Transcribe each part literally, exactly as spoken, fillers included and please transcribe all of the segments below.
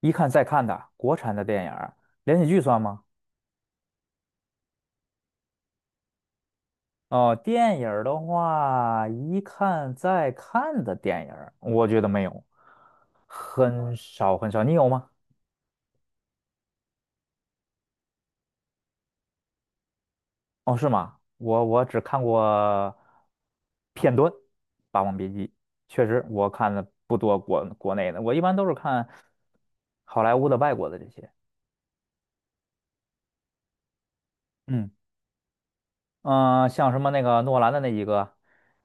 一看再看的国产的电影儿，连续剧算吗？哦，电影儿的话，一看再看的电影儿，我觉得没有，很少很少。你有吗？哦，是吗？我我只看过片段《霸王别姬》，确实我看的不多国国内的，我一般都是看好莱坞的、外国的这些。嗯。嗯、呃像什么那个诺兰的那几个，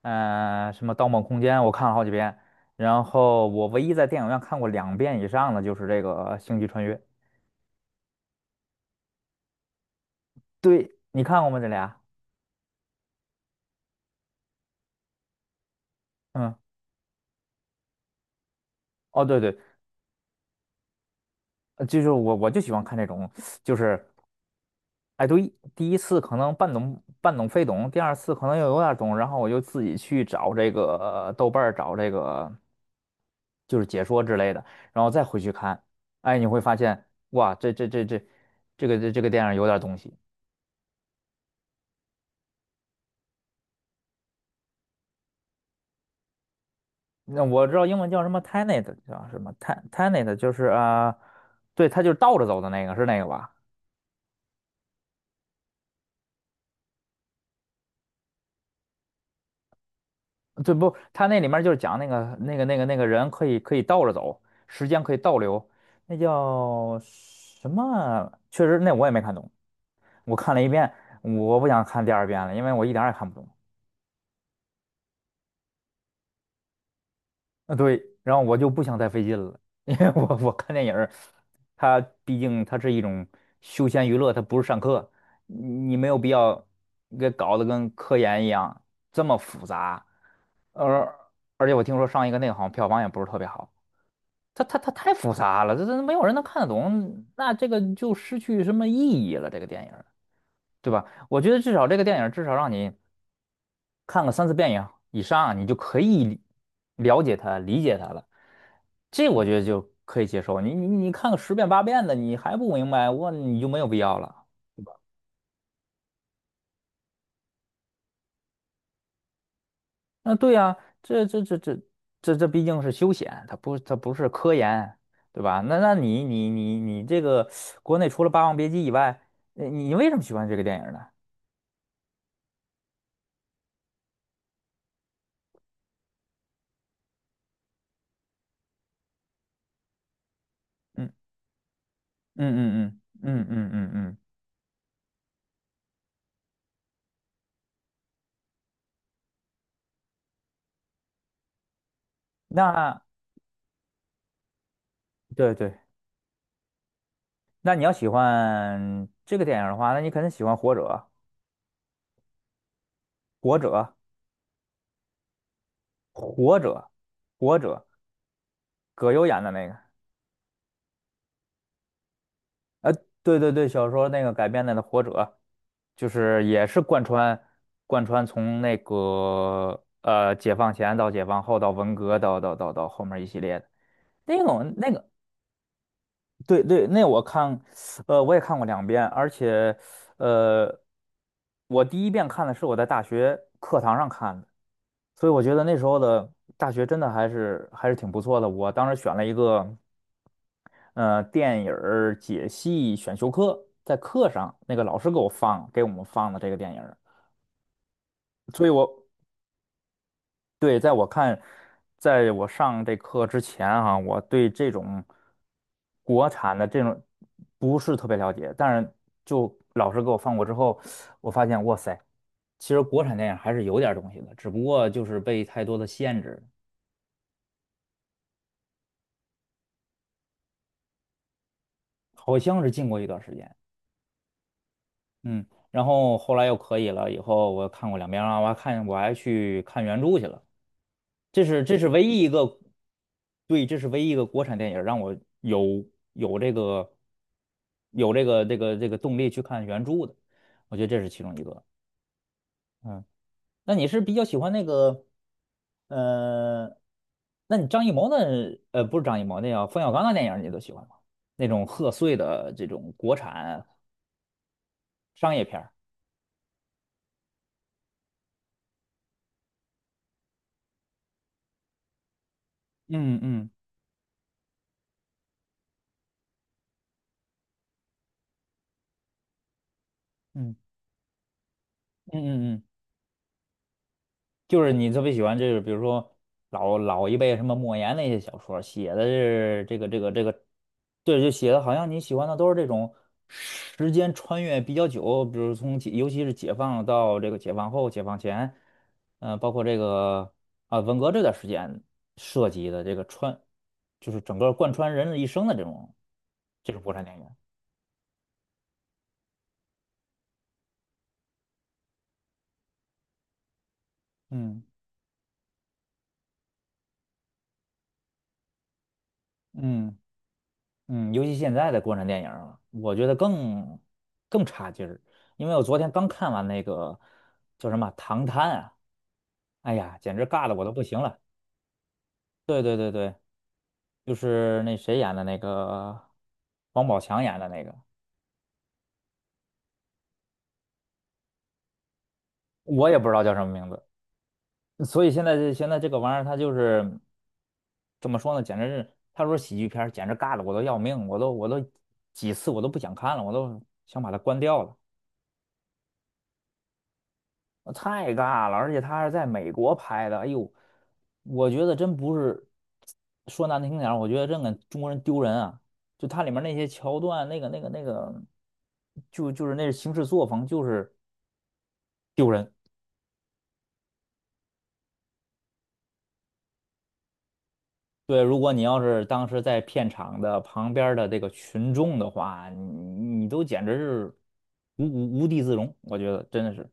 嗯、什么《盗梦空间》，我看了好几遍。然后我唯一在电影院看过两遍以上的就是这个呃星际穿越》。对，你看过吗？这俩？嗯，哦，对对，呃就是我我就喜欢看这种，就是，哎，对，第一次可能半懂半懂非懂，第二次可能又有点儿懂，然后我就自己去找这个呃豆瓣儿找这个就是解说之类的，然后再回去看，哎，你会发现哇，这这这这这个这这个电影有点儿东西。那我知道英文叫什么 Tenet，叫什么 Ten Tenet，就是啊、呃对，他就是倒着走的那个，是那个吧？对，不，他那里面就是讲那个那个那个那个人可以可以倒着走，时间可以倒流，那叫什么？确实，那我也没看懂，我看了一遍，我不想看第二遍了，因为我一点儿也看不懂。啊，对，然后我就不想再费劲了，因为我我看电影儿它毕竟它是一种休闲娱乐，它不是上课，你没有必要给搞得跟科研一样这么复杂，而而且我听说上一个那个好像票房也不是特别好，它它它太复杂了，这这没有人能看得懂，那这个就失去什么意义了，这个电影儿对吧？我觉得至少这个电影儿至少让你，看个三四遍以以上啊，你就可以了解它、理解它了。这我觉得就可以接受。你你你看个十遍八遍的，你还不明白，我你就没有必要了。那对呀，这这这这这这毕竟是休闲，它不它不是科研，对吧？那那你你你你这个国内除了《霸王别姬》以外，呃你为什么喜欢这个电影呢？嗯嗯嗯嗯嗯嗯嗯嗯，那对对，那你要喜欢这个电影的话，那你肯定喜欢《活着》。活着活着》，《活着》，葛优演的那个，呃，对对对，小说那个改编的那《活着》，就是也是贯穿贯穿从那个呃解放前到解放后到文革到到到到后面一系列的那种那个，对对，那我看，呃，我也看过两遍，而且呃，我第一遍看的是我在大学课堂上看的。所以我觉得那时候的大学真的还是还是挺不错的。我当时选了一个，呃电影儿解析选修课，在课上那个老师给我放给我们放的这个电影儿，所以我对在我看，在我上这课之前啊，我对这种国产的这种不是特别了解，但是就老师给我放过之后，我发现哇塞，其实国产电影还是有点儿东西的，只不过就是被太多的限制，好像是禁过一段时间。嗯，然后后来又可以了，以后我看过两遍了，我还看我还去看原著去了。这是这是唯一一个，对，这是唯一一个国产电影让我有有这个有这个这个这个动力去看原著的，我觉得这是其中一个。嗯，那你是比较喜欢那个，呃，那你张艺谋的，呃，不是张艺谋，那叫冯小刚的电影你都喜欢吗？那种贺岁的这种国产商业片儿。嗯嗯嗯。嗯嗯嗯，就是你特别喜欢这个，比如说老老一辈什么莫言那些小说写的是这个这个这个，对，就写的好像你喜欢的都是这种时间穿越比较久，比如从解尤其是解放到这个解放后、解放前，嗯，包括这个啊文革这段时间涉及的这个穿，就是整个贯穿人的一生的这种这种国产电影。嗯嗯。嗯，尤其现在的国产电影儿啊我觉得更更差劲儿，因为我昨天刚看完那个叫什么《唐探》啊，哎呀，简直尬的我都不行了。对对对对，就是那谁演的那个，王宝强演的那个，我也不知道叫什么名字。所以现在这现在这个玩意儿，它就是怎么说呢？简直是他说喜剧片儿简直尬的我都要命，我都我都几次我都不想看了，我都想把它关掉了。太尬了，而且他是在美国拍的，哎呦，我觉得真不是说难听点儿我觉得真给中国人丢人啊！就它里面那些桥段，那个那个那个，就就是那行事作风就是丢人。对，如果你要是当时在片场的旁边儿的这个群众的话，你你都简直是无无无地自容，我觉得真的是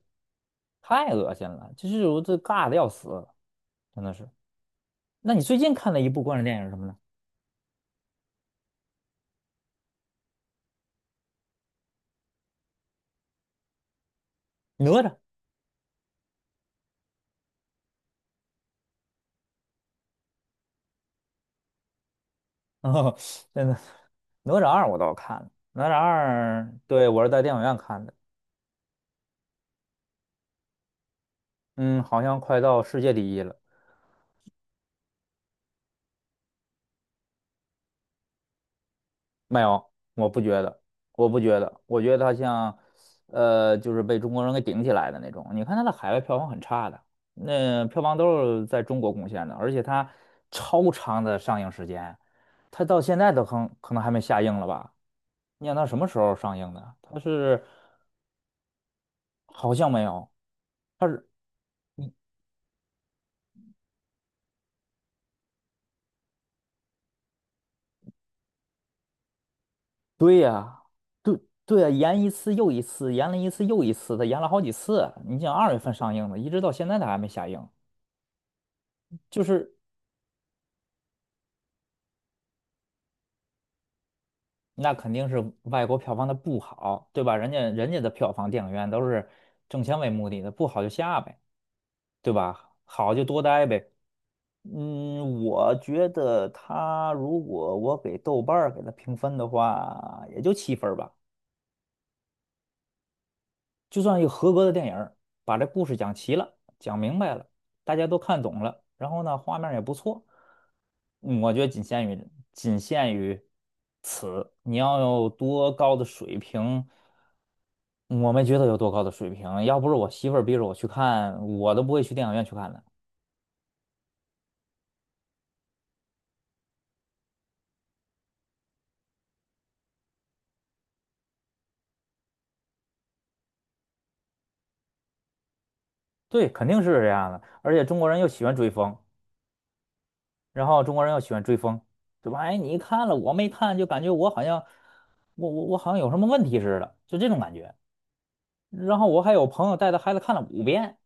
太恶心了，就是我这尬的要死，真的是。那你最近看的一部关于电影是什么呢？哪吒。哦，真的，哪吒二我倒是看了，哪吒二，对，我是在电影院看的，嗯，好像快到世界第一了，没有，我不觉得，我不觉得，我觉得它像，呃，就是被中国人给顶起来的那种。你看它的海外票房很差的，那票房都是在中国贡献的，而且它超长的上映时间，它到现在都可能可能还没下映了吧？你想它什么时候上映的？它是好像没有。是。对呀，对对呀，延一次又一次，延了一次又一次他延了好几次。你想二月份上映的，一直到现在他还没下映，就是那肯定是外国票房它不好，对吧？人家人家的票房电影院都是挣钱为目的的，不好就下呗，对吧？好就多待呗。嗯，我觉得他如果我给豆瓣儿给他评分的话，也就七分儿吧。就算一个合格的电影儿把这故事讲齐了，讲明白了，大家都看懂了，然后呢，画面儿也不错，嗯我觉得仅限于仅限于你要有多高的水平，我没觉得有多高的水平，要不是我媳妇儿逼着我去看，我都不会去电影院去看的。对，肯定是这样的，而且中国人又喜欢追风，然后中国人又喜欢追风，对吧？哎，你看了我没看，就感觉我好像我我我好像有什么问题似的，就这种感觉。然后我还有朋友带着孩子看了五遍。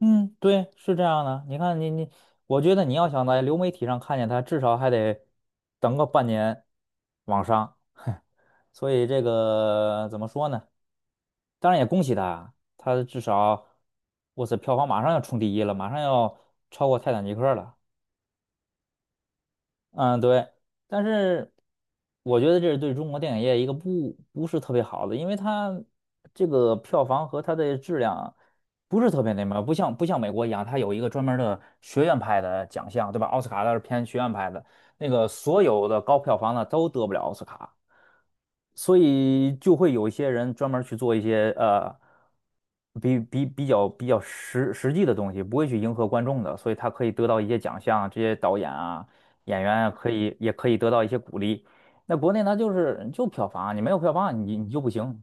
嗯，对，是这样的。你看你你，我觉得你要想在流媒体上看见他，至少还得等个半年往上。所以这个怎么说呢？当然也恭喜他，他至少，哇塞，票房马上要冲第一了，马上要超过《泰坦尼克》了。嗯，对，但是我觉得这是对中国电影业一个不不是特别好的，因为它这个票房和它的质量不是特别那么，不像不像美国一样，它有一个专门儿的学院派的奖项，对吧？奥斯卡它是偏学院派的，那个所有的高票房的都得不了奥斯卡，所以就会有一些人专门儿去做一些呃比比比较比较实实际的东西，不会去迎合观众的，所以他可以得到一些奖项，这些导演啊。演员可以也可以得到一些鼓励。那国内呢，就是就票房啊，你没有票房，你你就不行。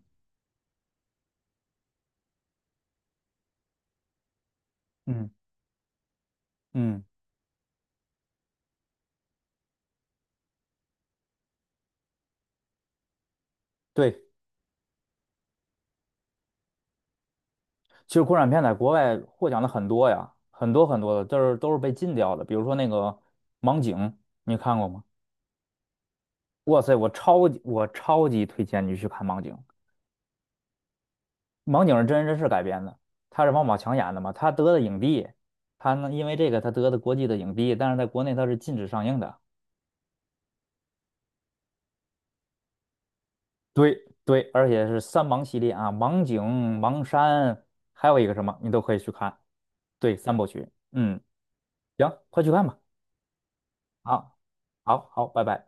嗯嗯，对，其实国产片在国外获奖的很多呀，很多很多的，就是都是被禁掉的。比如说那个《盲井》，你看过吗？哇塞，我超级我超级推荐你去看《盲井》，《盲井》是真人真事改编的，他是王宝强演的嘛，他得的影帝，他呢因为这个他得的国际的影帝，但是在国内他是禁止上映的。对对，而且是三盲系列啊，盲井、盲山，还有一个什么，你都可以去看。对，三部曲。嗯，行，快去看吧。好，好，好，拜拜。